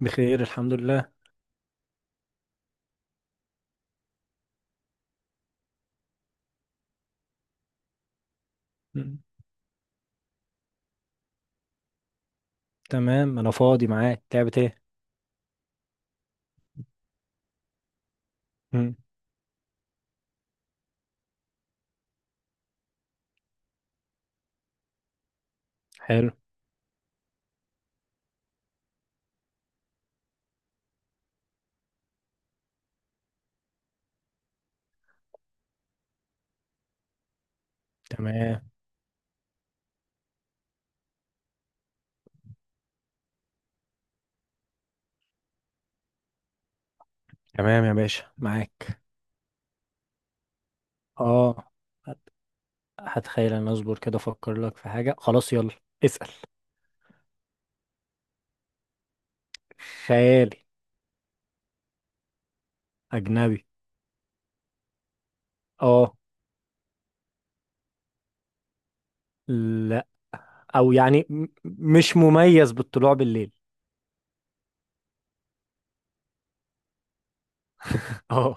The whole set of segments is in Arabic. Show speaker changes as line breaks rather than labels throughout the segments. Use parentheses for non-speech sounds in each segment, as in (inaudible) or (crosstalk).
بخير، الحمد لله. مم. تمام، انا فاضي معاك. لعبة ايه؟ مم. حلو. تمام، تمام يا باشا، معاك. اه. هت- هتخيل، انا اصبر كده افكر لك في حاجة. خلاص يلا. اسأل. خيالي. اجنبي. اه. لا، او يعني مش مميز بالطلوع بالليل. اه.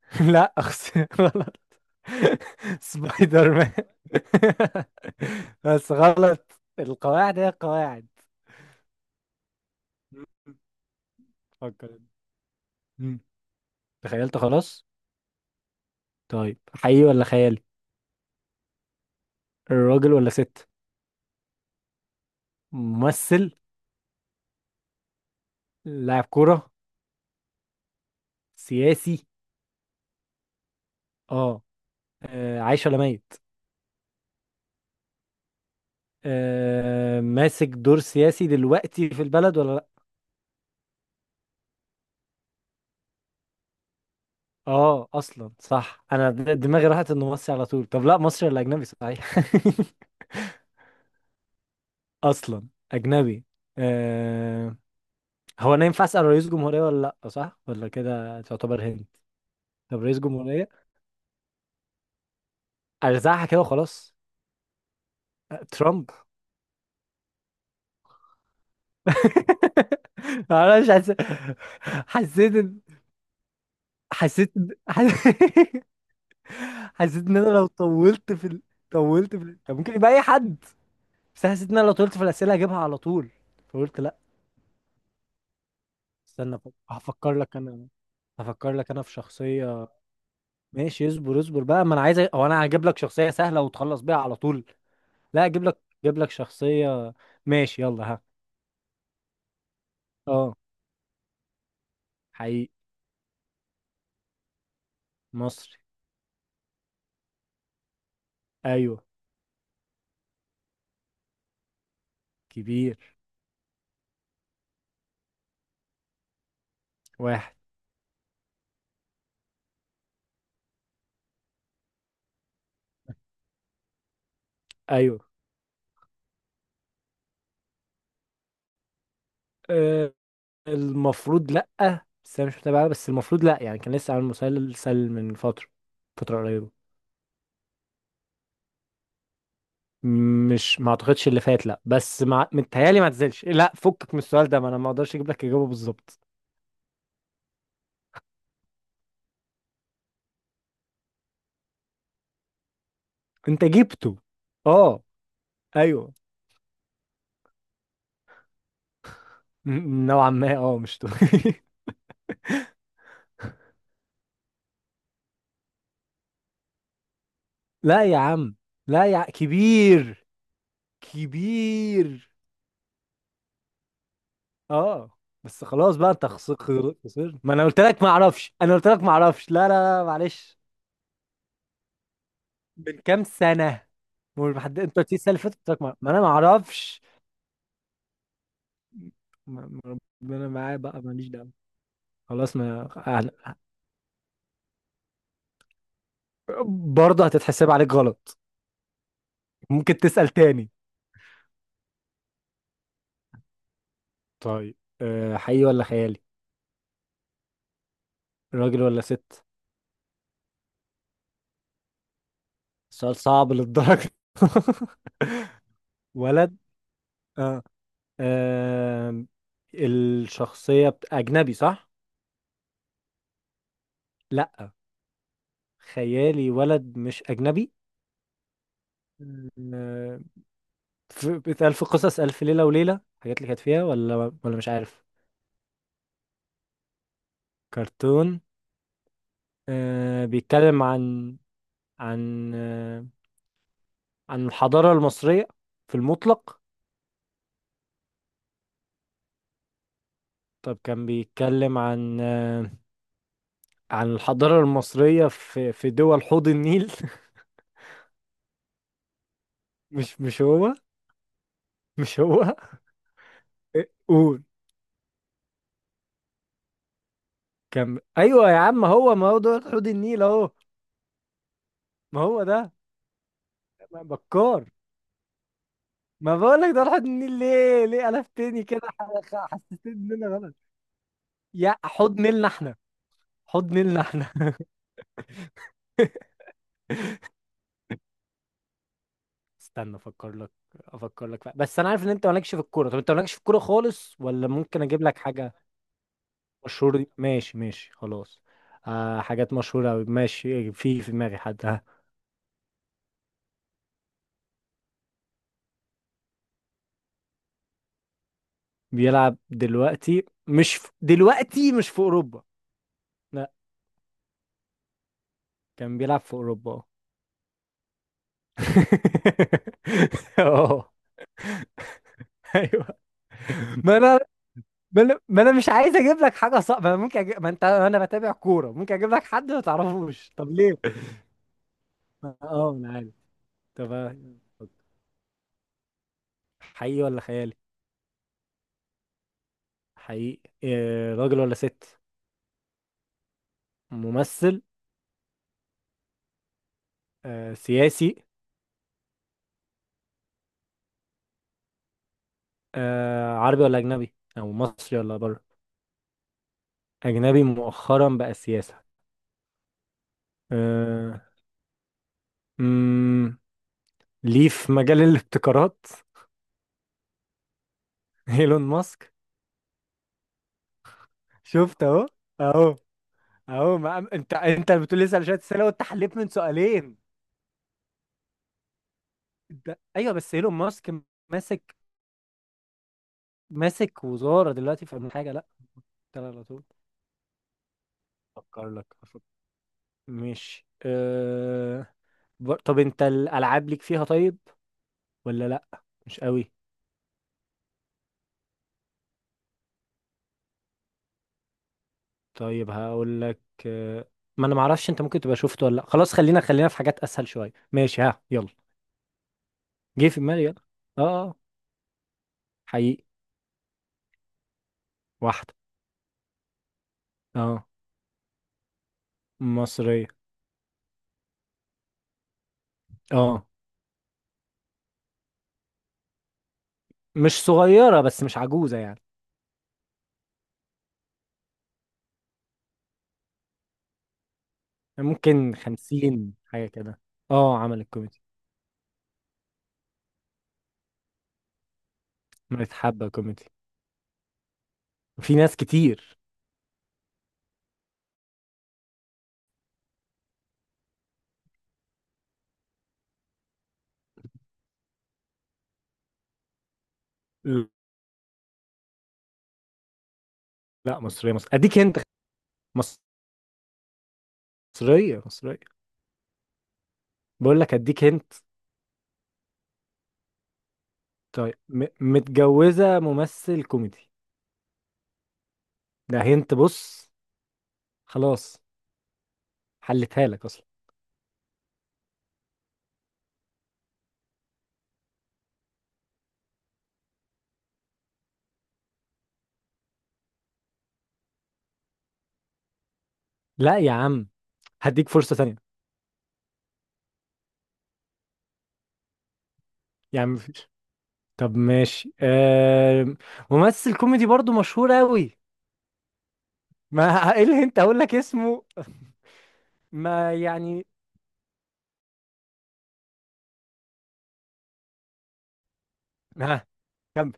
(laughs) لا، (laughs) غلط. (laughs) سبايدر مان. (laughs) بس غلط، القواعد هي القواعد. مم. فكر. مم. تخيلت خلاص. طيب، حقيقي ولا خيالي؟ الراجل ولا ست؟ ممثل؟ لاعب كرة؟ سياسي؟ اه. عايش ولا ميت؟ ماسك دور سياسي دلوقتي في البلد ولا لا؟ اه، اصلا صح. انا دماغي راحت انه مصري على طول. طب لا مصري ولا اجنبي، صحيح؟ (laughs) اصلا اجنبي. آه هو انا ينفع اسال رئيس جمهورية ولا لا، صح ولا كده تعتبر هند؟ طب رئيس جمهورية. ارزعها كده وخلاص. ترامب. (laughs) معرفش. حسيت إن- حسيت إن- (laughs) حس... حسيت ان انا لو طولت كان ممكن يبقى اي حد. بس حسيت ان انا لو طولت في الاسئله هجيبها على طول. فقلت لا. استنى، هفكر لك انا. هفكر لك انا في شخصيه. ماشي، اصبر اصبر بقى، ما انا عايز او انا هجيب لك شخصيه سهله وتخلص بيها على طول. لا اجيب لك اجيب لك شخصيه. ماشي، يلا، ها. اه. حقيقي. مصري. ايوه. كبير. واحد. ايوه. آه، المفروض لأ. بس أنا مش متابع، بس المفروض لأ يعني، كان لسه عامل مسلسل من فترة، فترة قريبة. مش ما اعتقدش اللي فات لأ، متهيألي ما تزلش لأ. فكك من السؤال ده، ما أنا ما أقدرش أجيب لك إجابة بالظبط. أنت جبته. أه. أيوه. نوعا ما، مش (laughs) لا يا عم. لا يا ع- كبير. كبير. أه. بس خلاص بقى، أنت خسرت. خسرت؟ ما أنا قلت لك ما أعرفش، أنا قلت لك ما أعرفش. لا، لا، لا، معلش. من كام سنة؟ والمحد، انت قلت لي السنه اللي فاتت، قلت لك ما انا ما اعرفش. ربنا معاه بقى، ماليش دعوه. خلاص، ما اهلا. برضه هتتحسب عليك غلط. ممكن تسال تاني. طيب، حقيقي ولا خيالي؟ راجل ولا ست؟ سؤال صعب للدرجه؟ (laughs) ولد. اه. آم، الشخصيه اجنبي، صح؟ لا. خيالي، ولد، مش اجنبي. آه، بيتقال في قصص الف ليله وليله الحاجات اللي كانت فيها، ولا ولا مش عارف. كرتون؟ بيتكلم عن عن آه عن الحضارة المصرية في المطلق. طب كان بيتكلم عن الحضارة المصرية في دول حوض النيل. (laughs) مش هو. مش هو. إيه، قول. كان، ايوه يا عم، هو ما هو دول حوض النيل اهو. ما هو ده. بكار. ما بقولك دول حوض النيل. ليه ليه قلبتني كده حسستني ان انا غلط. يا حوض نيلنا احنا. حوض نيلنا احنا. استنى افكر لك. بس انا عارف ان انت مالكش في الكوره. طب انت مالكش في الكوره خالص، ولا ممكن اجيب لك حاجه؟ مشهوره؟ دي ماشي، ماشي خلاص. حاجات مشهوره أوي. ماشي، في دماغي حد، ها. بيلعب دلوقتي، مش في... دلوقتي مش في اوروبا. لا. كان بيلعب في اوروبا، اه. (laughs) اه. ايوه. ما انا ما أنا مش عايز اجيب لك حاجه صعبه. ما انت انا بتابع كوره، ممكن اجيب لك حد ما تعرفوش، طب ليه؟ اه، انا عارف. طب. حقيقي ولا خيالي؟ حقيقي. راجل ولا ست؟ ممثل؟ سياسي؟ عربي ولا أجنبي، أو مصري ولا بره؟ أجنبي، مؤخرا بقى سياسة. آه، مم، ليه، في مجال الابتكارات؟ (laughs) إيلون ماسك. شفت أهو. أهو. أهو، ما أنت اللي بتقول لي اسأل شوية أسئلة، وأنت حليت من سؤالين. ده أيوه، بس إيلون ماسك. ماسك. ماسك وزارة دلوقتي في حاجة، لا. ده على طول. أفكر لك أفكر. ماشي، طب انت الالعاب ليك فيها، طيب ولا لا؟ مش قوي؟ طيب، هقول لك. آه، ما انا معرفش، انت ممكن تبقى شفته ولا لا، خلاص. خلينا خلينا في حاجات اسهل شويه، ماشي، ها، يلا. جه في دماغي، يلا. اه آه، حقيقي. واحده. اه. مصريه. اه. مش صغيره بس مش عجوزه يعني. ممكن 50 حاجه كده. اه، عملت كوميدي. متحبه كوميدي. في ناس كتير. لا، مصريه مصريه، اديك انت. مصريه مصريه. بقول لك اديك انت. طيب، متجوزة ممثل كوميدي. ده هنت، بص. خلاص. حلتها لك اصلا. لا يا عم. هديك فرصة تانية. يا عم، مفيش. طب ماشي، ممثل كوميدي برضو مشهور قوي. ما (laughs) ايه اللي انت اقول لك اسمه؟ ما يعني. ها، كمل.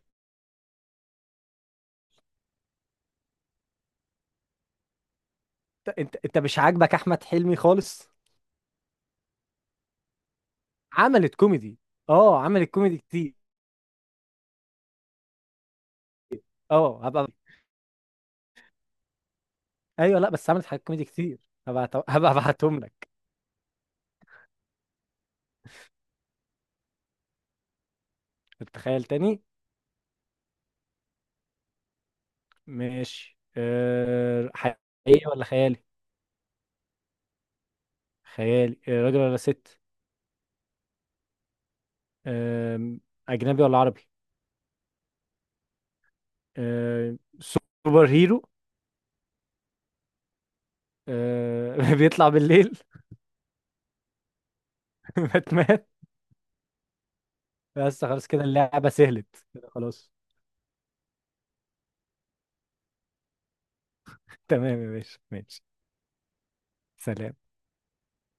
انت مش عاجبك احمد حلمي خالص؟ عملت كوميدي؟ اه، عملت كوميدي كتير. اه، هبقى. ايوه، لا بس عملت حاجات كوميدي كتير. هبقى ابعتهم لك. تتخيل تاني؟ ماشي، حقيقي ولا خيالي؟ خيالي. راجل ولا ست؟ أه... أجنبي ولا عربي؟ سوبر هيرو؟ (laughs) بيطلع بالليل؟ (laughs) باتمان؟ بس خلاص كده، اللعبة سهلت كده خلاص. تمام يا باشا، ماشي. سلام.